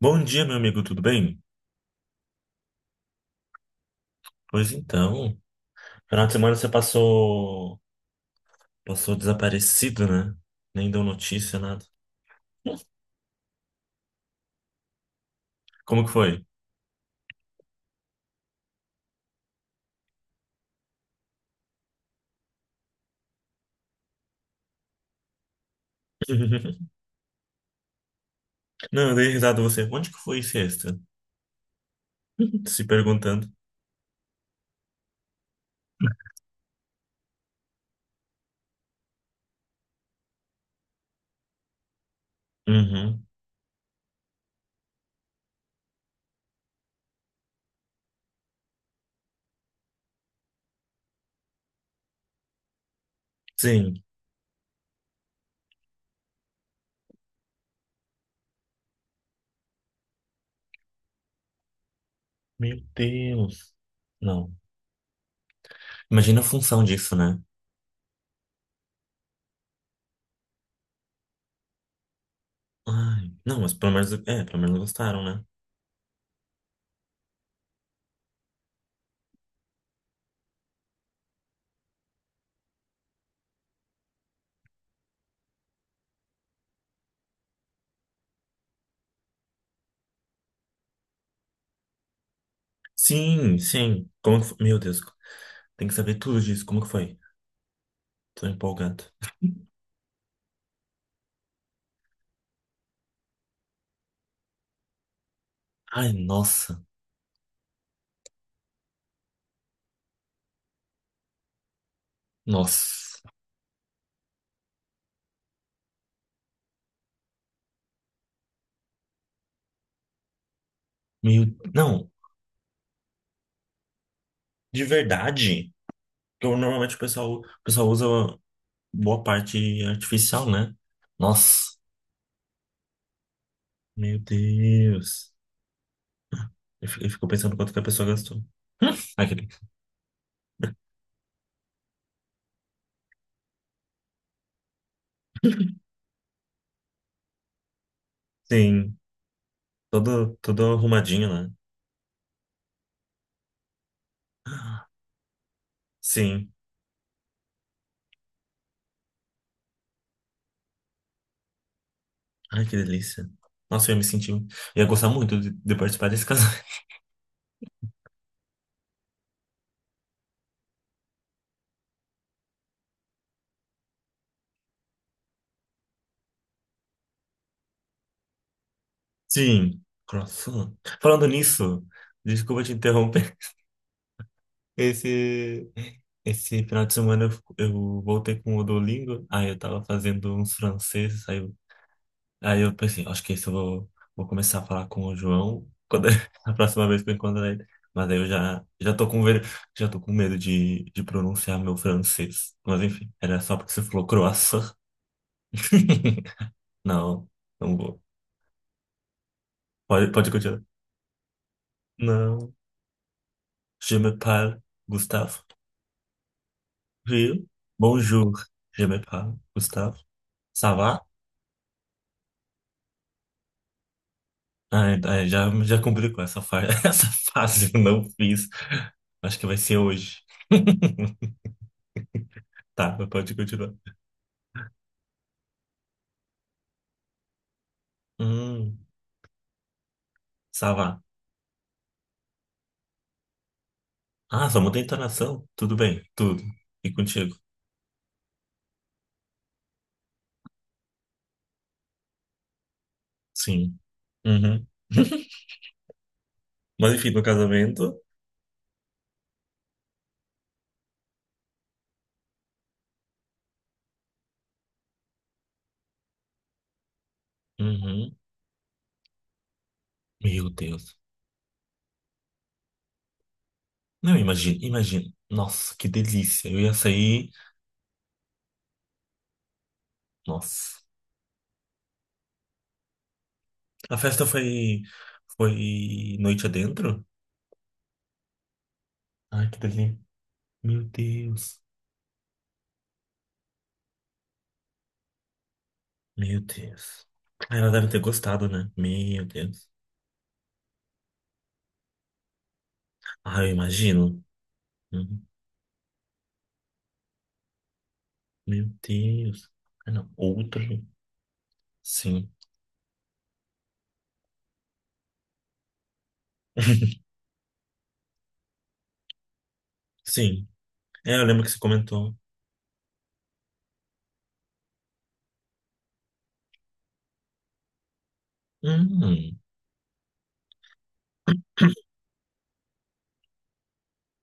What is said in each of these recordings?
Bom dia, meu amigo, tudo bem? Pois então, final de semana você passou desaparecido, né? Nem deu notícia, nada. Como que foi? Não, eu dei risada a você. Onde que foi sexta? Se perguntando. Uhum. Sim. Meu Deus. Não. Imagina a função disso, né? Ai, não, mas pelo menos gostaram, né? Sim, sim. Como que foi? Meu Deus, tem que saber tudo disso. Como que foi? Tô empolgado. Ai, nossa. Nossa. Meu, não. De verdade, normalmente o pessoal usa boa parte artificial, né? Nossa, meu Deus. Eu fico pensando quanto que a pessoa gastou. Aquele. Sim, todo arrumadinho, né? Sim. Ai, que delícia. Nossa, eu ia me sentir. Eu ia gostar muito de participar desse casamento. Sim, croissant. Falando nisso, desculpa te interromper. Esse, esse final de semana eu, eu voltei com o Duolingo, aí eu tava fazendo uns franceses, aí eu pensei, acho que esse eu vou começar a falar com o João quando, a próxima vez que eu encontrar ele. Mas aí eu já tô com medo de pronunciar meu francês. Mas enfim, era só porque você falou croissant. Não, não vou. Pode, pode continuar. Não, je me parle, Gustavo. Viu? Bonjour, je me parle, Gustavo. Ça va? Ah, já complicou essa, fa essa fase, eu não fiz. Acho que vai ser hoje. Tá, mas pode continuar. Hum, Savá. Ah, só muda a entonação? Tudo bem, tudo. E contigo? Sim. Uhum. Mas enfim, no casamento. Uhum. Meu Deus. Não, imagina, imagina. Nossa, que delícia. Eu ia sair. Nossa. A festa foi. Foi noite adentro? Ai, que delícia. Meu Deus. Meu Deus. Ah, ela deve ter gostado, né? Meu Deus. Ah, eu imagino. Uhum. Meu Deus. Ah, não. Outro. Sim. Sim. É, eu lembro que você comentou. Hum.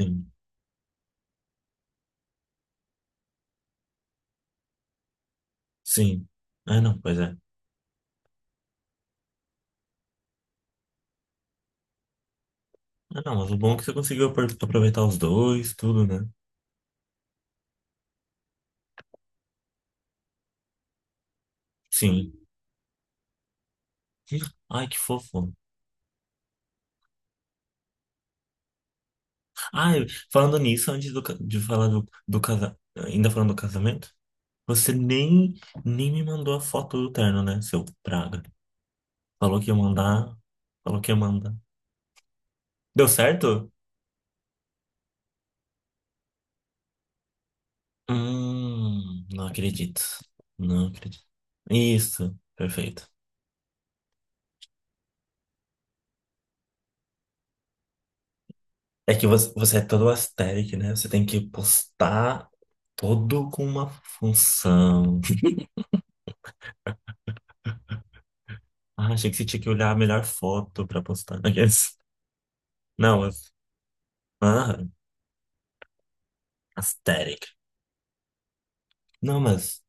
Sim. Sim. Ah, não, pois é. Ah, não, mas o bom é que você conseguiu aproveitar os dois, tudo, né? Sim. Ai, que fofo. Ai, falando nisso, antes de falar do casamento, ainda falando do casamento, você nem me mandou a foto do terno, né, seu praga? Falou que ia mandar. Falou que ia mandar. Deu certo? Não acredito. Não acredito. Isso, perfeito. É que você é todo asteric, né? Você tem que postar todo com uma função. Ah, achei que você tinha que olhar a melhor foto pra postar. Aqueles- Não, mas. Ah, asteric. Não, mas.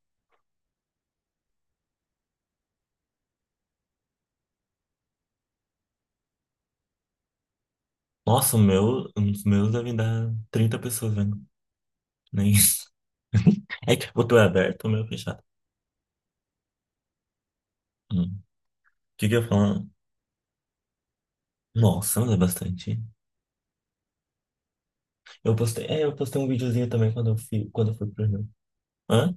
Nossa, o meu, os meus devem dar 30 pessoas vendo. Nem isso. É que o teu é aberto, o meu é fechado. Hum. O que que eu ia falar? Nossa, mas é bastante. Eu postei um videozinho também quando eu fui pro Rio. Hã?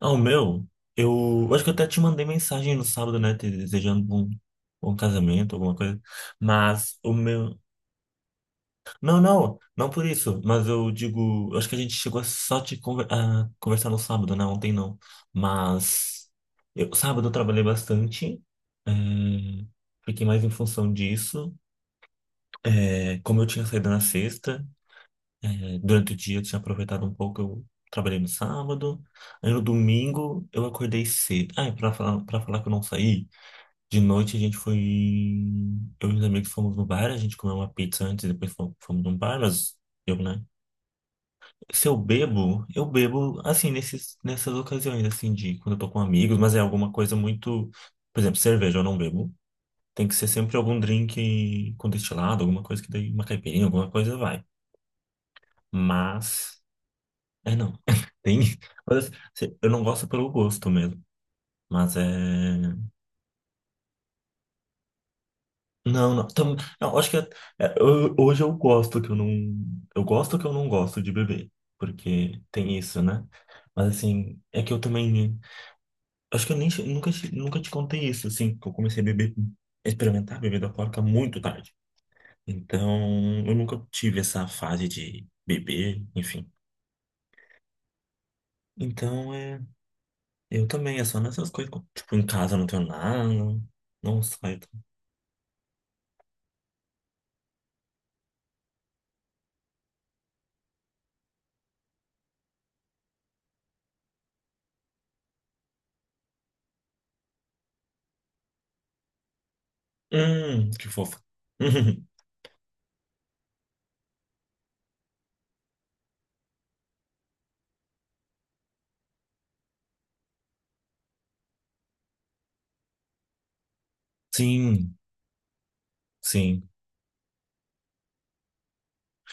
Ah, o meu? Eu acho que eu até te mandei mensagem no sábado, né? Te desejando um casamento, alguma coisa. Mas o meu. Não, não, não por isso. Mas eu digo. Eu acho que a gente chegou a conversar no sábado, né? Ontem não. Mas. Sábado eu trabalhei bastante. é, fiquei mais em função disso. É, como eu tinha saído na sexta. É, durante o dia eu tinha aproveitado um pouco, eu trabalhei no sábado. Aí no domingo eu acordei cedo. Ah, e pra falar que eu não saí, de noite a gente foi. Eu e os amigos fomos no bar, a gente comeu uma pizza antes, depois fomos num bar, mas eu, né? Se eu bebo, eu bebo assim, nesses, nessas ocasiões, assim, de quando eu tô com amigos, mas é alguma coisa muito. Por exemplo, cerveja eu não bebo. Tem que ser sempre algum drink com destilado, alguma coisa que daí, uma caipirinha, alguma coisa vai. Mas. É, não. Tem. mas, assim, eu não gosto pelo gosto mesmo. Mas é. Não, não. Tam... Não, acho que hoje eu gosto que eu não. Eu gosto que eu não gosto de beber. Porque tem isso, né? Mas assim, é que eu também. Acho que eu nem, nunca, nunca te contei isso, assim, que eu comecei a beber, a experimentar bebida alcoólica muito tarde. Então, eu nunca tive essa fase de beber, enfim. Então, é. Eu também, é só nessas coisas. Tipo, em casa eu não tenho nada. Não saio. Que fofo. Sim, sim.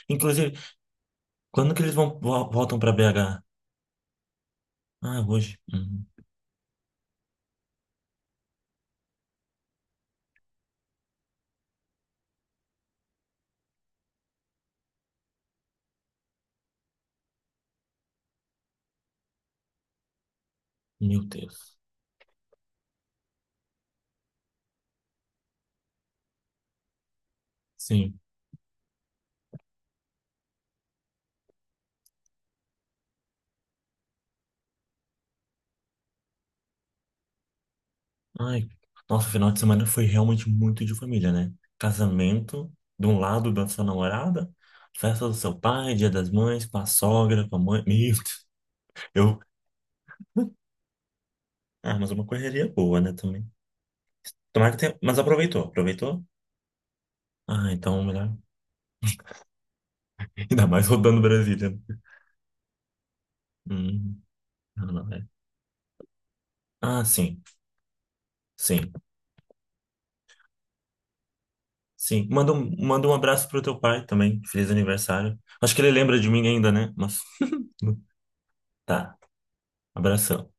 Inclusive, quando que eles voltam pra BH? Ah, hoje. Meu Deus. Sim. Ai, nossa, o final de semana foi realmente muito de família, né? Casamento, de um lado da sua namorada, festa do seu pai, dia das mães, com a sogra, com a mãe. Meu Deus. Eu. Ah, mas é uma correria boa, né, também. Tomara que tenha. Mas aproveitou, aproveitou? Ah, então melhor. Ainda mais rodando Brasília. Hum, não, não, é. Ah, sim, sim, sim. Manda um abraço pro teu pai também. Feliz aniversário. Acho que ele lembra de mim ainda, né? Mas tá, abração.